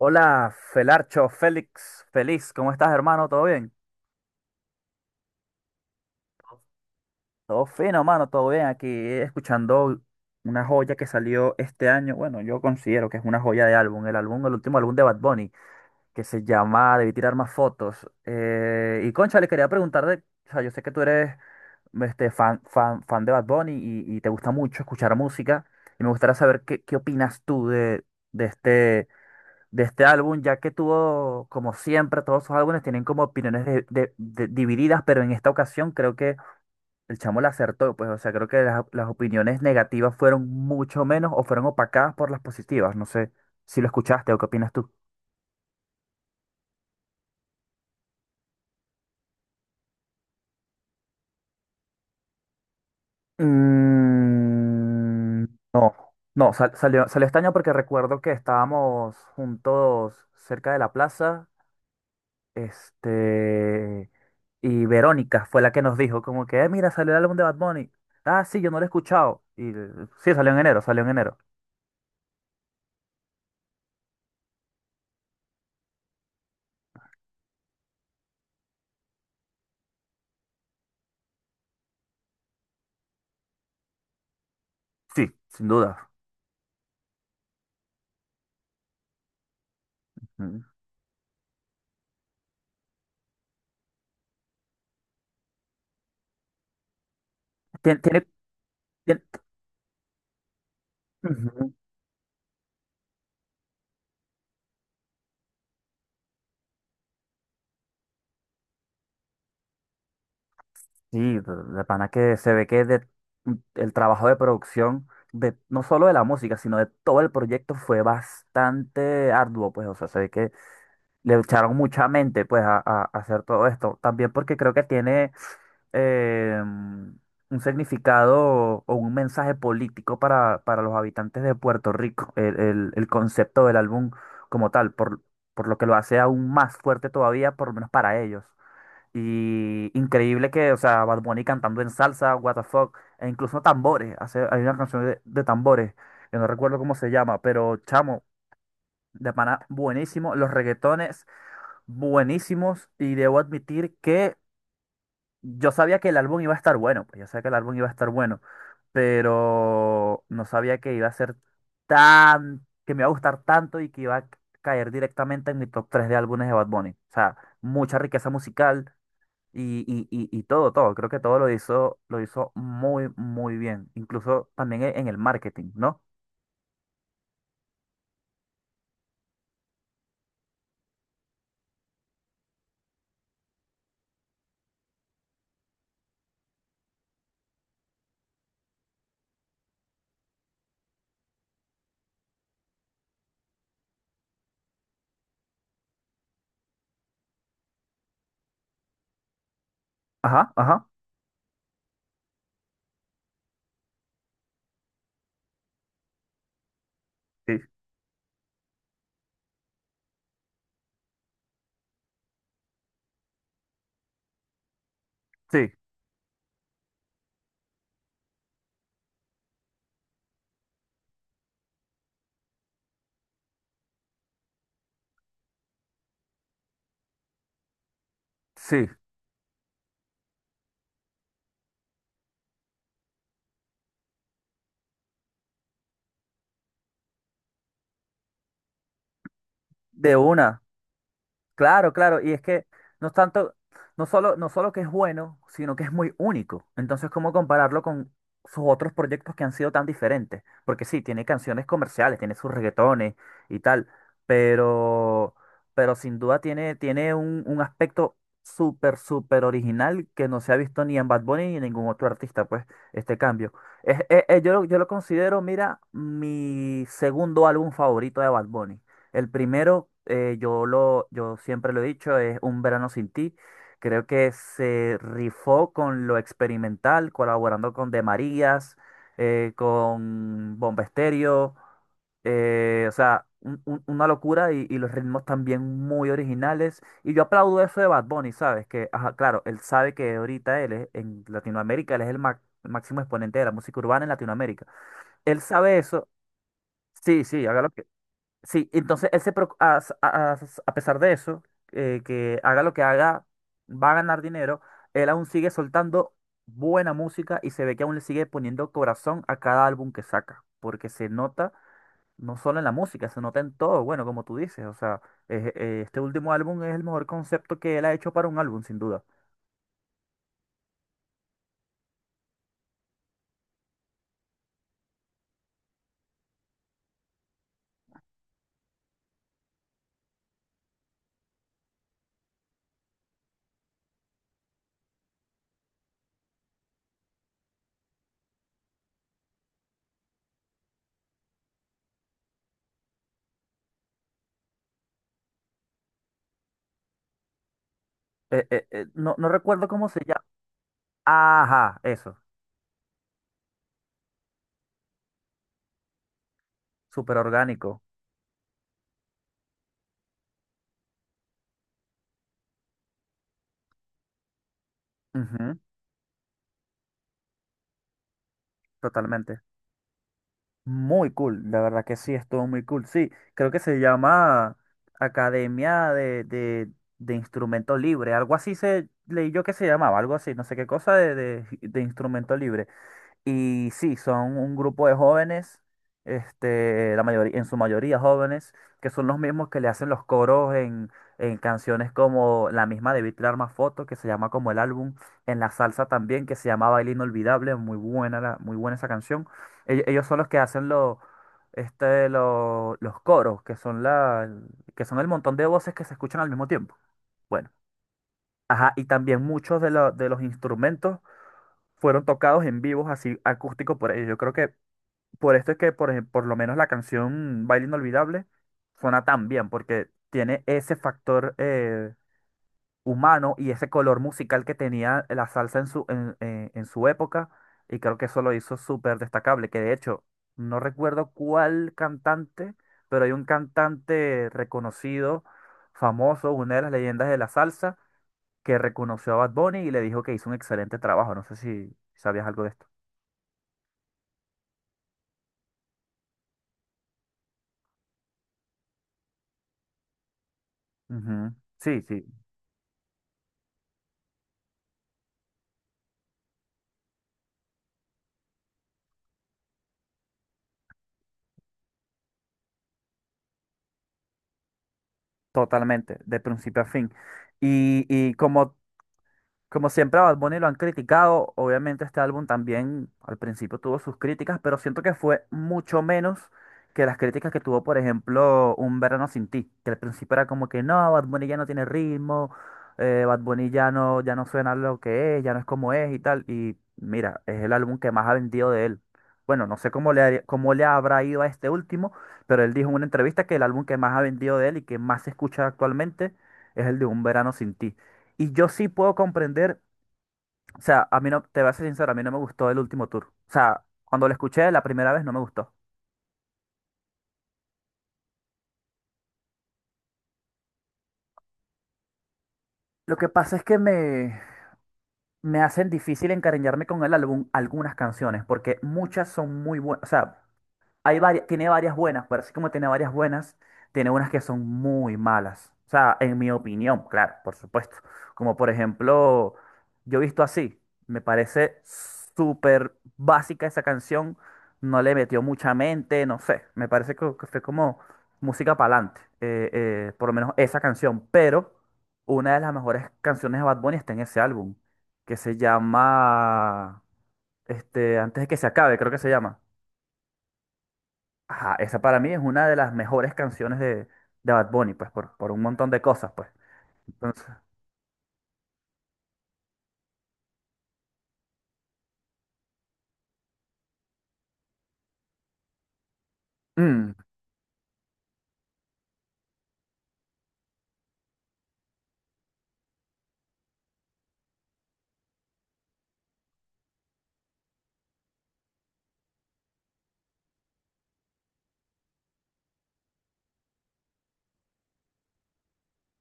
Hola, Felarcho, Félix, feliz, ¿cómo estás, hermano? ¿Todo bien? Todo fino, hermano, todo bien. Aquí escuchando una joya que salió este año. Bueno, yo considero que es una joya de álbum, el último álbum de Bad Bunny, que se llama Debí tirar más fotos. Y concha, le quería preguntar o sea, yo sé que tú eres fan de Bad Bunny y te gusta mucho escuchar música. Y me gustaría saber qué opinas tú de de este álbum, ya que tuvo, como siempre, todos sus álbumes tienen como opiniones divididas, pero en esta ocasión creo que el chamo la acertó, pues, o sea, creo que las opiniones negativas fueron mucho menos o fueron opacadas por las positivas, no sé si lo escuchaste o qué opinas tú. Mm, no, no, sal- salió, salió este año porque recuerdo que estábamos juntos cerca de la plaza. Este, y Verónica fue la que nos dijo como que, mira, salió el álbum de Bad Bunny. Ah, sí, yo no lo he escuchado". Sí, salió en enero, salió en enero. Sí, sin duda. Ujú. Tien- Tiene, tiene- Ujú. Sí, de pana que se ve que el trabajo de producción de no solo de la música, sino de todo el proyecto fue bastante arduo, pues, o sea, se ve que le echaron mucha mente, pues, a hacer todo esto. También porque creo que tiene un significado o un mensaje político para los habitantes de Puerto Rico, el concepto del álbum como tal, por lo que lo hace aún más fuerte todavía, por lo menos para ellos. Y increíble que, o sea, Bad Bunny cantando en salsa, what the fuck, e incluso tambores, hace, hay una canción de tambores, que no recuerdo cómo se llama, pero chamo, de pana, buenísimo, los reggaetones, buenísimos, y debo admitir que yo sabía que el álbum iba a estar bueno, pues yo sabía que el álbum iba a estar bueno, pero no sabía que iba a ser que me iba a gustar tanto y que iba a caer directamente en mi top 3 de álbumes de Bad Bunny. O sea, mucha riqueza musical y todo, todo. Creo que todo lo hizo muy, muy bien. Incluso también en el marketing, ¿no? Ajá, ajá. Sí, sí, sí. De una. Claro, claro, y es que no es tanto, no solo, no solo que es bueno, sino que es muy único. Entonces, ¿cómo compararlo con sus otros proyectos que han sido tan diferentes? Porque sí, tiene canciones comerciales, tiene sus reggaetones y tal, pero, pero sin duda tiene, tiene un aspecto súper, súper original que no se ha visto ni en Bad Bunny ni en ningún otro artista, pues, este cambio. Yo, yo lo considero, mira, mi segundo álbum favorito de Bad Bunny. El primero, yo siempre lo he dicho, es Un Verano Sin Ti. Creo que se rifó con lo experimental, colaborando con De Marías, con Bomba Estéreo, o sea, una locura y los ritmos también muy originales. Y yo aplaudo eso de Bad Bunny, ¿sabes? Que, ajá, claro, él sabe que ahorita él es, en Latinoamérica, él es el máximo exponente de la música urbana en Latinoamérica. Él sabe eso. Sí, sí, hágalo. Sí, entonces él se preocu- a pesar de eso, que haga lo que haga, va a ganar dinero, él aún sigue soltando buena música y se ve que aún le sigue poniendo corazón a cada álbum que saca, porque se nota no solo en la música, se nota en todo, bueno, como tú dices, o sea, este último álbum es el mejor concepto que él ha hecho para un álbum, sin duda. No, no recuerdo cómo se llama. Ajá, eso, súper orgánico. Ujú, totalmente. Muy cool, la verdad que sí, estuvo muy cool. Sí, creo que se llama Academia de Instrumento Libre, algo así se leí yo que se llamaba, algo así, no sé qué cosa de Instrumento Libre. Y sí, son un grupo de jóvenes, este, la mayoría, en su mayoría jóvenes, que son los mismos que le hacen los coros en canciones como la misma de Beat Arma Foto, que se llama como el álbum, en la salsa también, que se llama Baile Inolvidable, muy buena, muy buena esa canción. Ellos, son los que hacen los coros, que son el montón de voces que se escuchan al mismo tiempo. Bueno. Ajá, y también muchos de los instrumentos fueron tocados en vivos, así acústico por ellos. Yo creo que por esto es que, por lo menos la canción Baile Inolvidable suena tan bien, porque tiene ese factor humano y ese color musical que tenía la salsa en su, en su época, y creo que eso lo hizo súper destacable, que de hecho, no recuerdo cuál cantante, pero hay un cantante reconocido, famoso, una de las leyendas de la salsa que reconoció a Bad Bunny y le dijo que hizo un excelente trabajo. No sé si sabías algo de esto. Ujú. Sí, sí, totalmente, de principio a fin. Y como. Como siempre a Bad Bunny lo han criticado, obviamente este álbum también al principio tuvo sus críticas, pero siento que fue mucho menos que las críticas que tuvo, por ejemplo, Un Verano Sin Ti, que al principio era como que no, Bad Bunny ya no tiene ritmo, Bad Bunny ya no, ya no suena lo que es, ya no es como es y tal, y mira, es el álbum que más ha vendido de él. Bueno, no sé cómo le habrá ido a este último, pero él dijo en una entrevista que el álbum que más ha vendido de él y que más se escucha actualmente es el de Un Verano Sin Ti. Y yo sí puedo comprender, o sea, a mí no, te voy a ser sincero, a mí no me gustó el último tour. O sea, cuando lo escuché la primera vez no me gustó. Lo que pasa es que me hacen difícil encariñarme con el álbum algunas canciones, porque muchas son muy buenas, o sea, hay varias, tiene varias buenas, pero así como tiene varias buenas, tiene unas que son muy malas. O sea, en mi opinión, claro, por supuesto. Como por ejemplo, yo he visto así, me parece súper básica esa canción, no le metió mucha mente, no sé, me parece que fue como música para adelante, por lo menos esa canción, pero una de las mejores canciones de Bad Bunny está en ese álbum, que se llama, Antes de que se acabe, creo que se llama. Ajá, esa para mí es una de las mejores canciones de Bad Bunny, pues, por un montón de cosas, pues. Entonces, mm,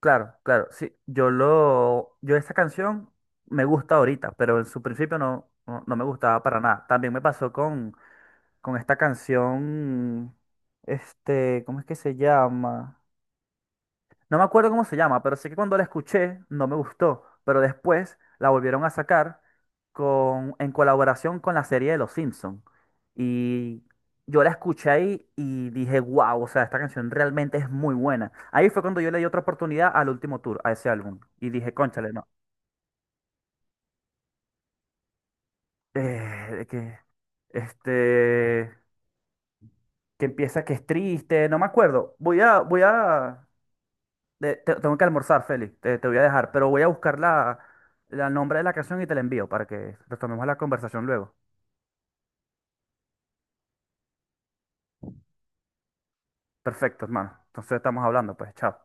claro, claro, sí, yo esa canción me gusta ahorita, pero en su principio no, no, no me gustaba para nada. También me pasó con esta canción, este, ¿cómo es que se llama? No me acuerdo cómo se llama, pero sé que cuando la escuché no me gustó, pero después la volvieron a sacar en colaboración con la serie de Los Simpsons. Y yo la escuché ahí y dije, wow, o sea, esta canción realmente es muy buena. Ahí fue cuando yo le di otra oportunidad al último tour, a ese álbum. Y dije, cónchale, no. eh, que, este, que empieza que es triste, no me acuerdo. Voy a, voy a, de- te- Tengo que almorzar, Félix. Te voy a dejar, pero voy a buscar la nombre de la canción y te la envío para que retomemos la conversación luego. Perfecto, hermano. Entonces estamos hablando, pues, chao.